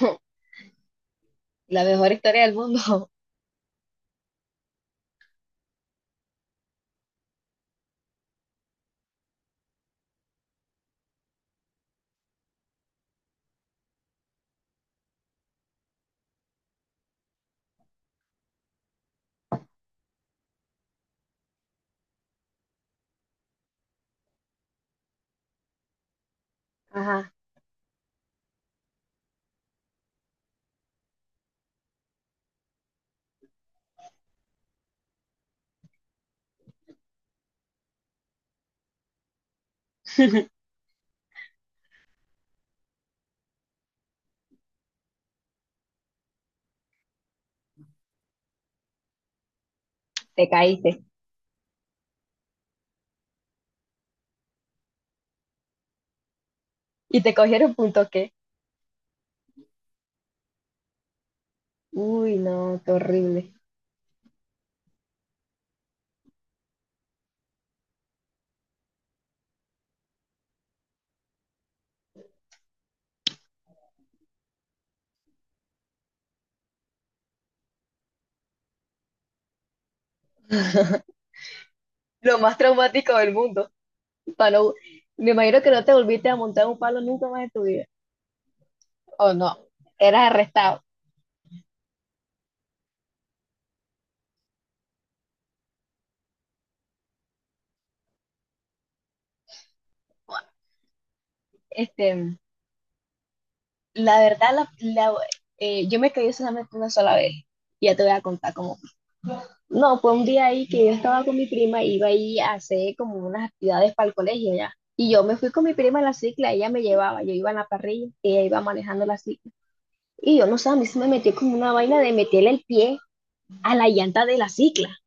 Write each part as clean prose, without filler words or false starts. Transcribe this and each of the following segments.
La mejor historia del mundo. Ajá, te caíste. ¿Y te cogieron punto qué? Uy, no, qué horrible. Lo más traumático del mundo. Pa' no- me imagino que no te volviste a montar un palo nunca más en tu vida. O no, eras arrestado. Este, la verdad, yo me caí solamente una sola vez. Y ya te voy a contar cómo. No, fue un día ahí que yo estaba con mi prima, iba ahí a hacer como unas actividades para el colegio ya. Y yo me fui con mi prima en la cicla, ella me llevaba, yo iba en la parrilla, ella iba manejando la cicla. Y yo no sé, a mí se me metió como una vaina de meterle el pie a la llanta de la cicla.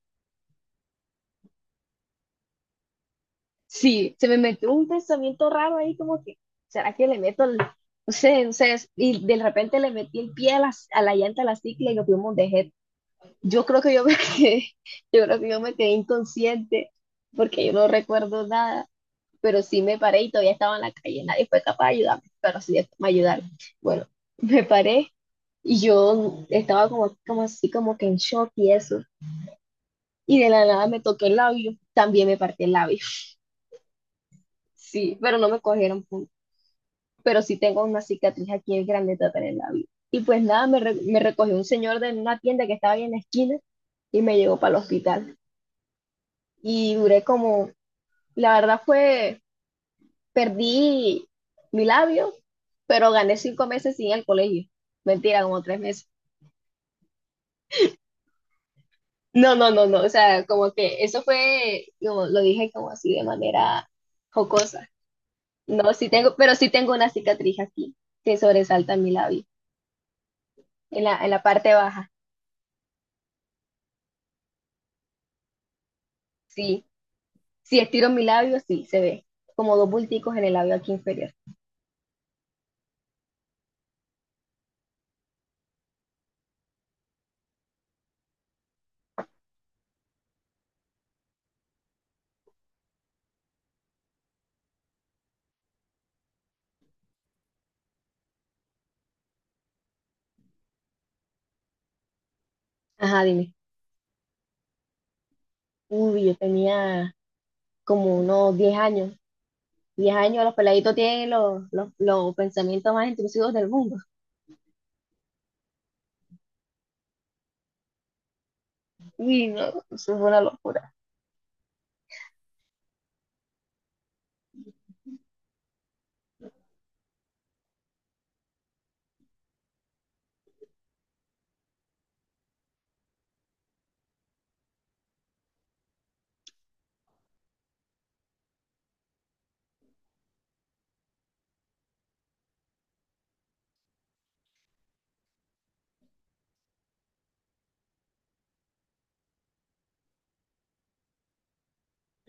Sí, se me metió un pensamiento raro ahí como que, ¿será que le meto el, no sé, no sé, y de repente le metí el pie a la llanta de la cicla y nos fuimos de jet. Yo creo que yo me quedé, yo creo que yo me quedé inconsciente porque yo no recuerdo nada. Pero sí me paré y todavía estaba en la calle, nadie fue capaz de ayudarme, pero sí me ayudaron. Bueno, me paré y yo estaba como, como así, como que en shock y eso, y de la nada me toqué el labio, también me partí el labio, sí, pero no me cogieron punto, pero sí tengo una cicatriz aquí en grande en el labio. Y pues nada, me recogió un señor de una tienda que estaba ahí en la esquina y me llevó para el hospital. Y duré como, la verdad fue, perdí mi labio, pero gané 5 meses sin ir al colegio. Mentira, como 3 meses. No, no, no, no. O sea, como que eso fue, como lo dije, como así de manera jocosa. No, sí tengo, pero sí tengo una cicatriz aquí que sobresalta mi labio, en la parte baja. Sí, si estiro mi labio, sí, se ve como dos bulticos en el labio aquí inferior. Ajá, dime. Uy, yo tenía como unos 10 años. 10 años, los peladitos tienen los pensamientos más intrusivos del mundo. Uy, no, eso fue una locura.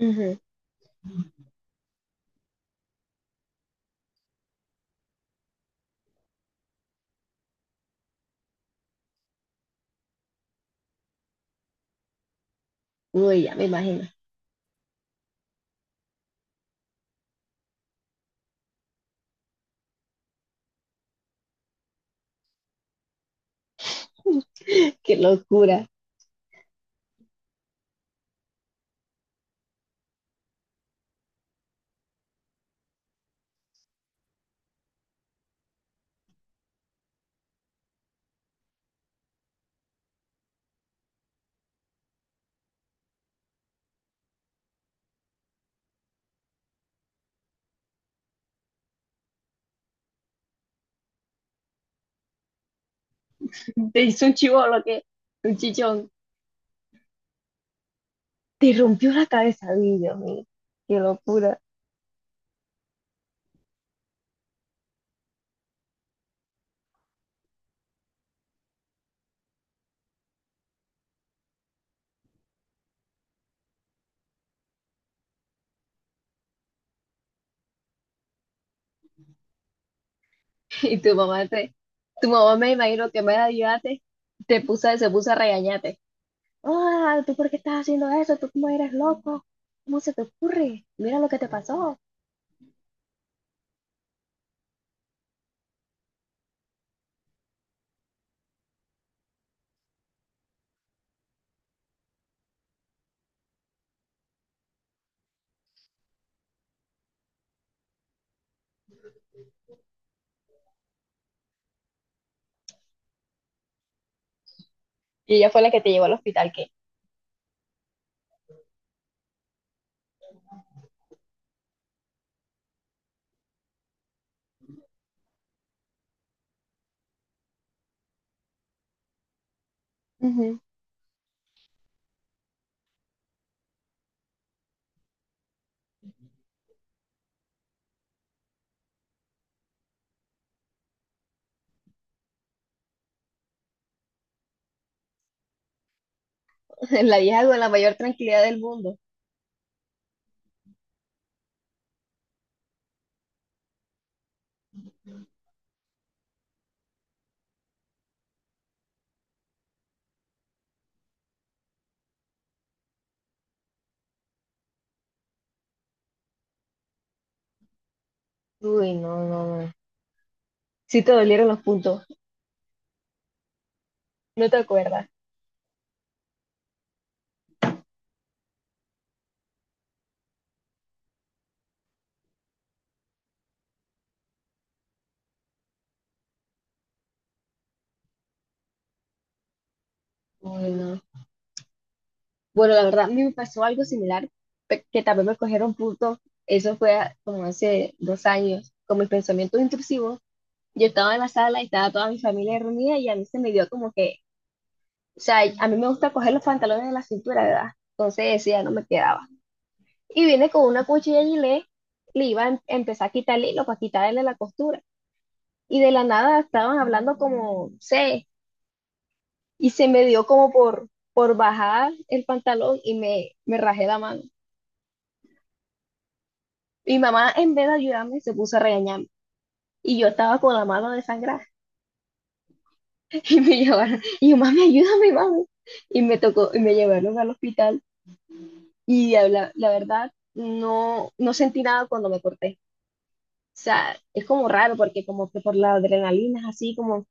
Ujú. Uy, ya me imagino. Qué locura. Te hizo un chivolo que, un chichón. Te rompió la cabeza, uy, Dios mío. Qué locura. Y tu mamá, me imagino que me ayudaste, se puso a regañarte. Ah, ¿tú por qué estás haciendo eso? ¿Tú cómo eres loco? ¿Cómo se te ocurre? Mira lo que te pasó. Y ella fue la que te llevó al hospital, qué. Ujú. La vieja con la mayor tranquilidad del mundo. Uy, no, no, no. Sí te dolieron los puntos. No te acuerdas. Ay, no. Bueno, la verdad, a mí me pasó algo similar, que también me cogieron puntos. Eso fue como hace 2 años, con mis pensamientos intrusivos. Yo estaba en la sala y estaba toda mi familia reunida y a mí se me dio como que, o sea, a mí me gusta coger los pantalones de la cintura, ¿verdad? Entonces ese ya no me quedaba. Y viene con una cuchilla y le iba a empezar a quitar el hilo para quitarle la costura. Y de la nada estaban hablando como, no sé, y se me dio como por bajar el pantalón y me rajé la mano. Mi mamá, en vez de ayudarme, se puso a regañarme. Y yo estaba con la mano desangrada y me llevaron, y yo, mami, ayúdame, mami. Y me tocó, y me llevaron al hospital. Y la verdad, no, no sentí nada cuando me corté. O sea, es como raro porque como que por la adrenalina es así como,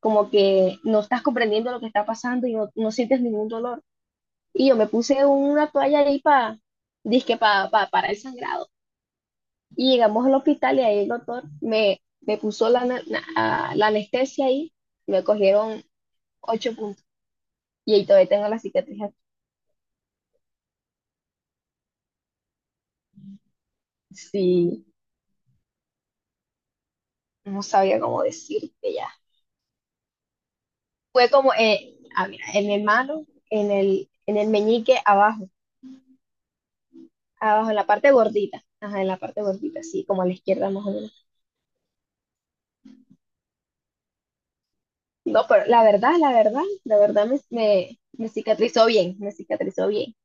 como que no estás comprendiendo lo que está pasando y no, no sientes ningún dolor. Y yo me puse una toalla ahí para, dizque para el sangrado. Y llegamos al hospital y ahí el doctor me puso la, ana- na- a- la anestesia ahí. Me cogieron 8 puntos. Y ahí todavía tengo la cicatriz aquí. Sí, no sabía cómo decirte ya. Fue como, mira, en mi mano, en el meñique abajo, abajo, en la parte gordita. Ajá, en la parte gordita, sí, como a la izquierda más o menos. No, pero la verdad me cicatrizó bien, me cicatrizó bien.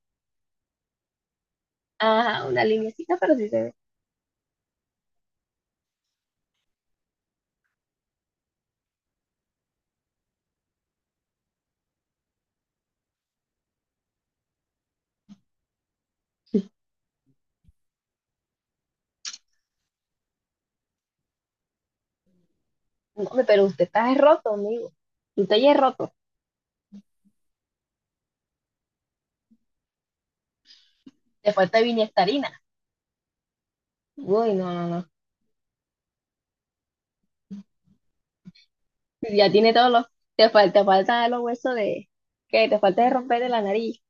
Ajá, una linecita, pero sí se ve. No, hombre, pero usted está roto, amigo. Usted ya es roto. Te falta vinestarina. Uy, no, no, no. Ya tiene todos los. Te falta los huesos de. ¿Qué? Te falta de romper de la nariz.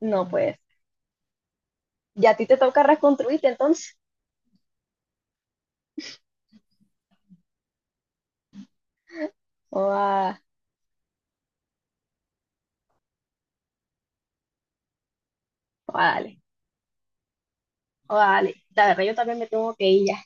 No, pues. Ya a ti te toca reconstruirte entonces. O a, dale. O dale. La verdad, yo también me tengo que ir ya.